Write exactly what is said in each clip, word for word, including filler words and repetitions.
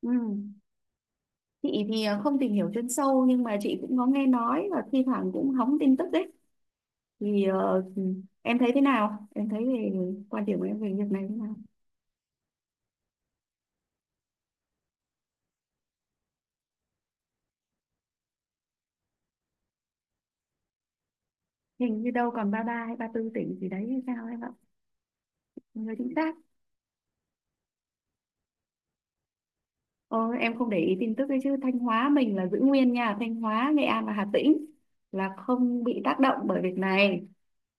Ừ. Chị thì ờ, không tìm hiểu chuyên sâu, nhưng mà chị cũng có nghe nói và thi thoảng cũng hóng tin tức đấy, thì ờ, ừ, em thấy thế nào, em thấy về quan điểm của em về việc này thế nào? Hình như đâu còn ba ba hay ba tư tỉnh gì đấy, hay sao em ạ. Người chính xác. ờ, em không để ý tin tức đấy, chứ Thanh Hóa mình là giữ nguyên nha. Thanh Hóa, Nghệ An và Hà Tĩnh là không bị tác động bởi việc này,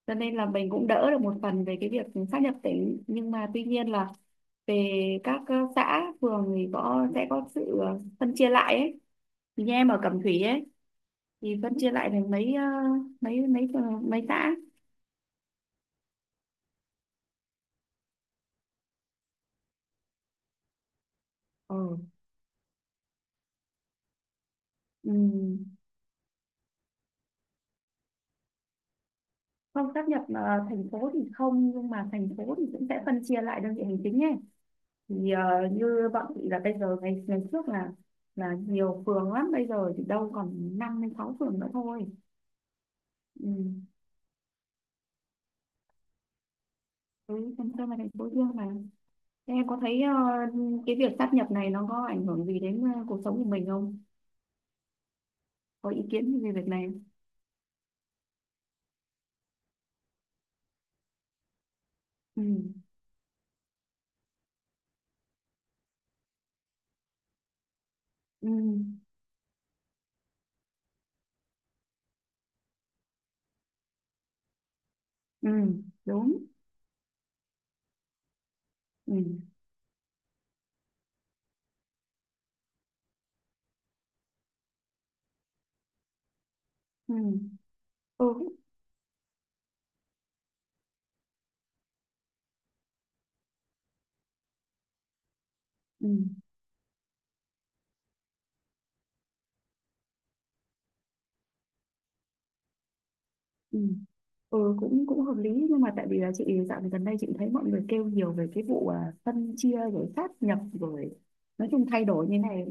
cho nên là mình cũng đỡ được một phần về cái việc sáp nhập tỉnh. Nhưng mà tuy nhiên là về các ờ, xã phường thì có sẽ có sự ờ, phân chia lại ấy. Thì như em ở Cẩm Thủy ấy, thì phân chia lại thành mấy ờ, mấy mấy phường- mấy xã. Ừ. Ừ. Không sáp nhập, ờ, thành phố thì không, nhưng mà thành phố thì cũng sẽ phân chia lại đơn vị hành chính ấy. Thì ờ, như bọn chị là bây giờ, ngày ngày trước là là nhiều phường lắm, bây giờ thì đâu còn năm đến sáu phường nữa thôi. Ừ. Ừ, phân chia là thành phố riêng mà. Thế em có thấy ờ, cái việc sáp nhập này nó có ảnh hưởng gì đến ờ, cuộc sống của mình không, có ý kiến về việc này? Ừ. Ừ. Ừ. Đúng. Ừ. Ừ. Ừ. Ừ. Ừ. Ừ. cũng cũng hợp lý, nhưng mà tại vì là chị dạo gần đây chị thấy mọi người kêu nhiều về cái vụ, à, phân chia rồi sát nhập rồi, nói chung thay đổi như này.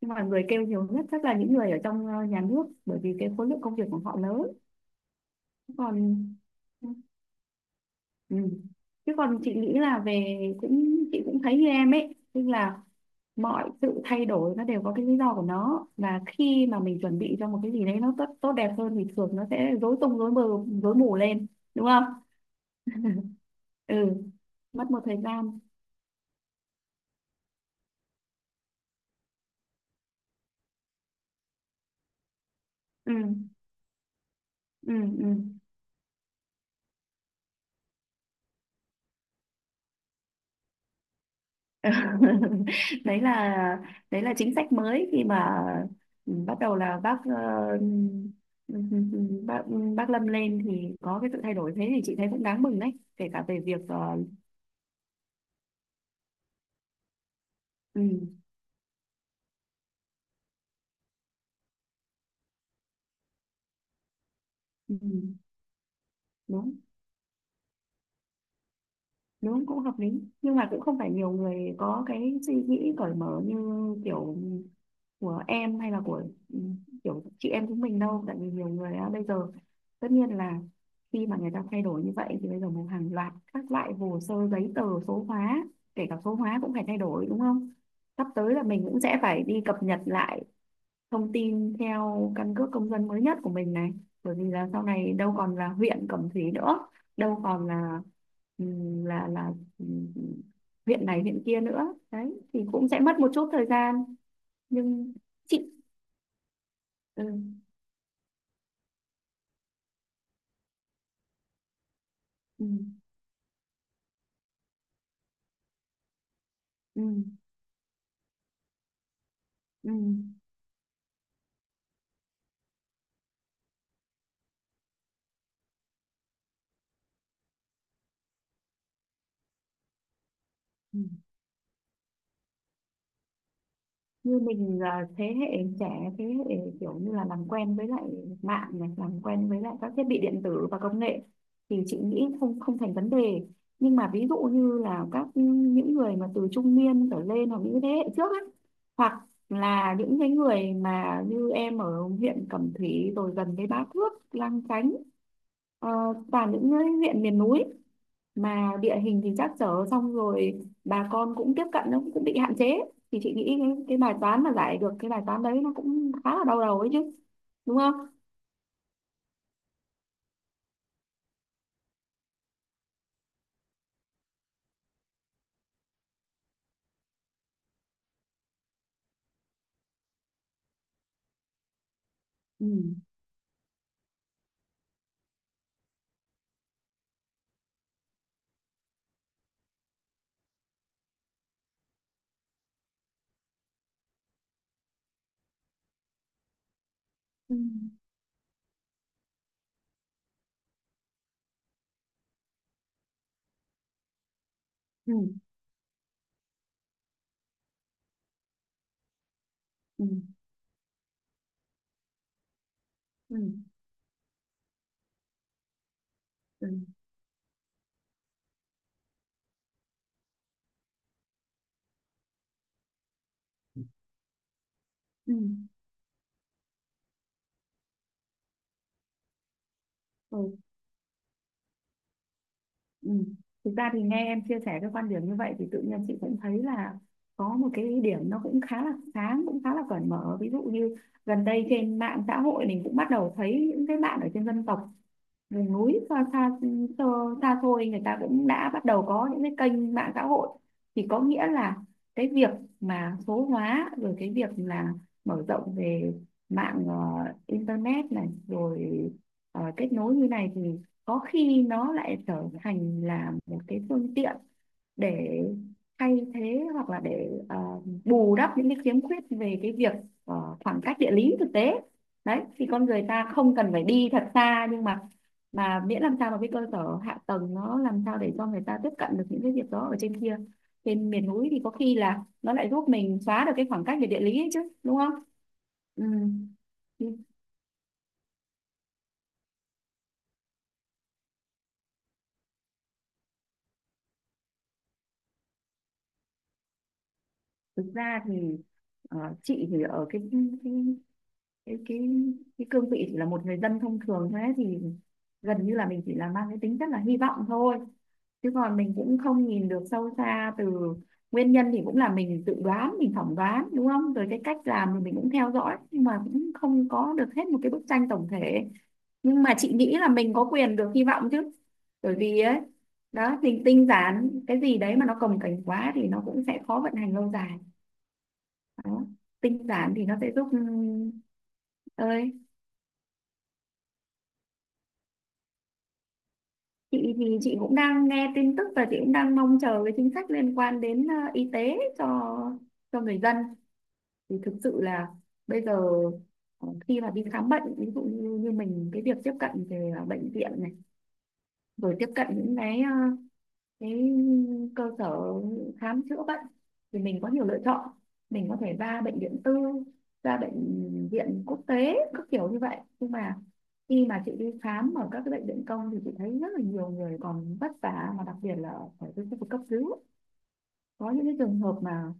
Nhưng mà người kêu nhiều nhất chắc là những người ở trong ờ, nhà nước, bởi vì cái khối lượng công việc của họ lớn. Còn. Ừ. Ừ. Chứ còn chị nghĩ là về, cũng chị cũng thấy như em ấy, tức là mọi sự thay đổi nó đều có cái lý do của nó, và khi mà mình chuẩn bị cho một cái gì đấy nó tốt tốt đẹp hơn thì thường nó sẽ rối tung rối mù rối mù lên, đúng không? Ừ. Mất một thời gian. Ừ. Ừ. Ừ. đấy là đấy là chính sách mới, khi mà ừ, bắt đầu là bác ờ, ừ, ừ, ừ, bác ừ, bác Lâm lên, thì có cái sự thay đổi, thế thì chị thấy cũng đáng mừng đấy, kể cả về việc. Ờ, ừ, ừ, đúng, đúng, cũng hợp lý, nhưng mà cũng không phải nhiều người có cái suy nghĩ cởi mở như kiểu của em, hay là của ừ, kiểu chị em chúng mình đâu. Tại vì nhiều người á, bây giờ, tất nhiên là khi mà người ta thay đổi như vậy thì bây giờ một hàng loạt các loại hồ sơ giấy tờ số hóa, kể cả số hóa cũng phải thay đổi, đúng không? Sắp tới là mình cũng sẽ phải đi cập nhật lại thông tin theo căn cước công dân mới nhất của mình này, bởi vì là sau này đâu còn là huyện Cẩm Thủy nữa, đâu còn là ừm, là là ừm, huyện này huyện kia nữa đấy, thì cũng sẽ mất một chút thời gian. Nhưng chị. Ừ. Ừ. Ừ. Ừ. Ừ. Như mình là thế hệ trẻ, thế hệ kiểu như là làm quen với lại mạng này, làm quen với lại các thiết bị điện tử và công nghệ thì chị nghĩ không không thành vấn đề. Nhưng mà ví dụ như là các những người mà từ trung niên trở lên, hoặc những thế hệ trước ấy, hoặc là những cái người mà như em ở huyện Cẩm Thủy, rồi gần với Bá Thước, Lang Chánh, ờ, toàn những cái huyện miền núi mà địa hình thì trắc trở, xong rồi bà con cũng tiếp cận nó cũng bị hạn chế, thì chị nghĩ cái, cái bài toán mà giải được cái bài toán đấy nó cũng khá là đau đầu ấy chứ, đúng không? Ừ. Ừ. Ừ. Ừ. Ừ. Ừ. Ừ. Ừ. Ừ. Thực ra thì nghe em chia sẻ cái quan điểm như vậy thì tự nhiên chị cũng thấy là có một cái điểm nó cũng khá là sáng, cũng khá là cởi mở. Ví dụ như gần đây trên mạng xã hội mình cũng bắt đầu thấy những cái bạn ở trên dân tộc miền núi xa xa xa, xa xôi, người ta cũng đã bắt đầu có những cái kênh mạng xã hội, thì có nghĩa là cái việc mà số hóa rồi cái việc là mở rộng về mạng ờ, internet này rồi ờ, kết nối như này, thì có khi nó lại trở thành là một cái phương tiện để thay thế, hoặc là để ờ, bù đắp những cái khiếm khuyết về cái việc ờ, khoảng cách địa lý thực tế đấy, thì con người ta không cần phải đi thật xa, nhưng mà mà miễn làm sao mà cái cơ sở hạ tầng nó làm sao để cho người ta tiếp cận được những cái việc đó ở trên kia, trên miền núi, thì có khi là nó lại giúp mình xóa được cái khoảng cách về địa lý ấy chứ, đúng không? Ừ. Thì thực ra thì ờ, chị thì ở cái cái cái cái, cái cương vị chỉ là một người dân thông thường thôi ấy, thì gần như là mình chỉ là mang cái tính rất là hy vọng thôi, chứ còn mình cũng không nhìn được sâu xa từ nguyên nhân, thì cũng là mình tự đoán, mình phỏng đoán đúng không, rồi cái cách làm thì mình cũng theo dõi, nhưng mà cũng không có được hết một cái bức tranh tổng thể. Nhưng mà chị nghĩ là mình có quyền được hy vọng chứ, bởi vì ấy đó, mình tinh giản cái gì đấy mà nó cồng kềnh quá thì nó cũng sẽ khó vận hành lâu dài đó. Tinh giản thì nó sẽ giúp ừ, ơi, chị thì chị cũng đang nghe tin tức và chị cũng đang mong chờ cái chính sách liên quan đến ờ, y tế cho cho người dân. Thì thực sự là bây giờ ờ, khi mà đi khám bệnh ví dụ như, như mình, cái việc tiếp cận về ờ, bệnh viện này, rồi tiếp cận những cái ờ, cái cơ sở khám chữa bệnh thì mình có nhiều lựa chọn, mình có thể ra bệnh viện tư, ra bệnh viện quốc tế các kiểu như vậy. Nhưng mà khi mà chị đi khám ở các cái bệnh viện công thì chị thấy rất là nhiều người còn vất vả, mà đặc biệt là ở ở cái khu vực cấp cứu, có những cái trường hợp mà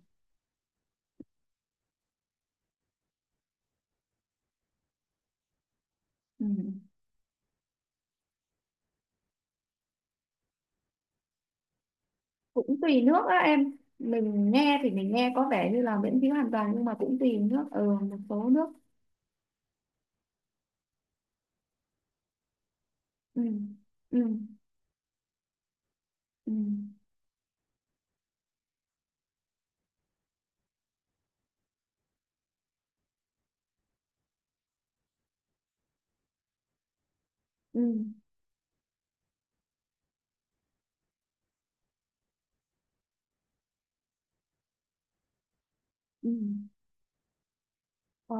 ừ, cũng tùy nước á em. Mình nghe thì mình nghe có vẻ như là miễn phí hoàn toàn, nhưng mà cũng tùy nước, ở ừ một số nước. Ừ. Ừ. Ừ. Ừ. Ừ. Ờ.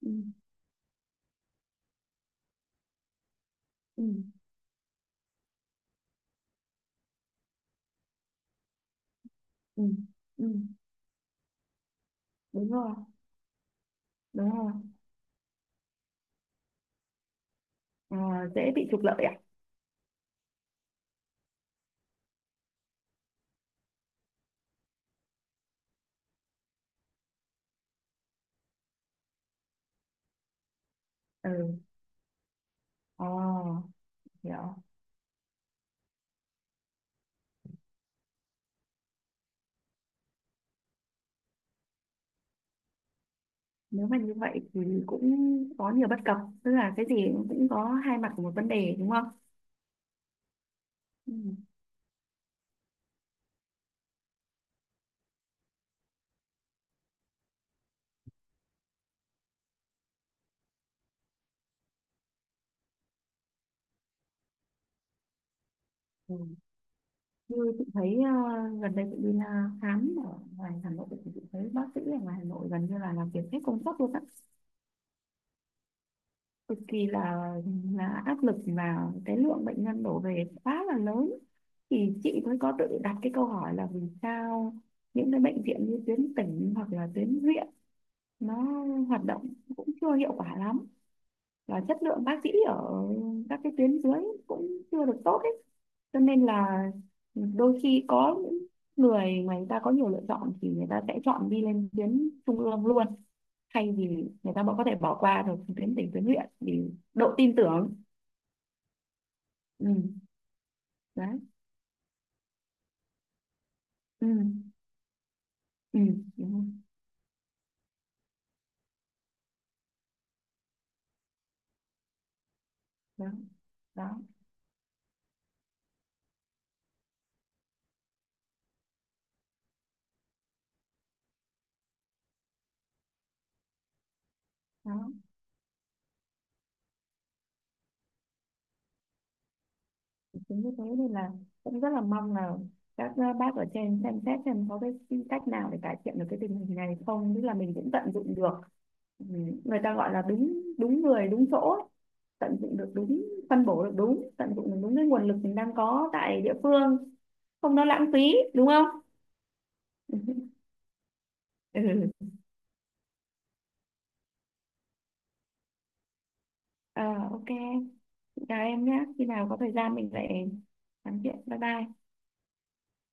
Ừ. Ừ. Ừ. Ừ. Đúng rồi. Đúng rồi. Ờ, dễ bị trục lợi à? Ừ. Ờ. Hiểu. Nếu mà như vậy thì cũng có nhiều bất cập, tức là cái gì cũng có hai mặt của một vấn đề, đúng không? Ừ. Ừ. Như chị thấy ờ, gần đây chị đi là khám ở ngoài Hà Nội thì chị thấy bác sĩ ở ngoài Hà Nội gần như là làm việc hết công suất luôn á, cực kỳ là là áp lực, và cái lượng bệnh nhân đổ về quá là lớn. Thì chị mới có tự đặt cái câu hỏi là vì sao những cái bệnh viện như tuyến tỉnh hoặc là tuyến huyện nó hoạt động cũng chưa hiệu quả lắm, là chất lượng bác sĩ ở các cái tuyến dưới cũng chưa được tốt ấy, cho nên là đôi khi có những người mà người ta có nhiều lựa chọn thì người ta sẽ chọn đi lên tuyến trung ương luôn, thay vì người ta có thể bỏ qua được tuyến tỉnh, tuyến huyện vì độ tin tưởng. Ừ. Đấy. Ừ. Ừ. Đúng rồi. Đó. Đó. Đó, chính như thế nên là cũng rất là mong là các uh, bác ở trên xem xét xem có cái cách nào để cải thiện được cái tình hình này không, tức là mình cũng tận dụng được. Ừ, người ta gọi là đúng, đúng người đúng chỗ ấy. Tận dụng được đúng, phân bổ được đúng, tận dụng được đúng cái nguồn lực mình đang có tại địa phương, không nó lãng phí, đúng không? Ừ. Ờ, ok, chị chào em nhé, khi nào có thời gian mình lại nói chuyện, bye bye.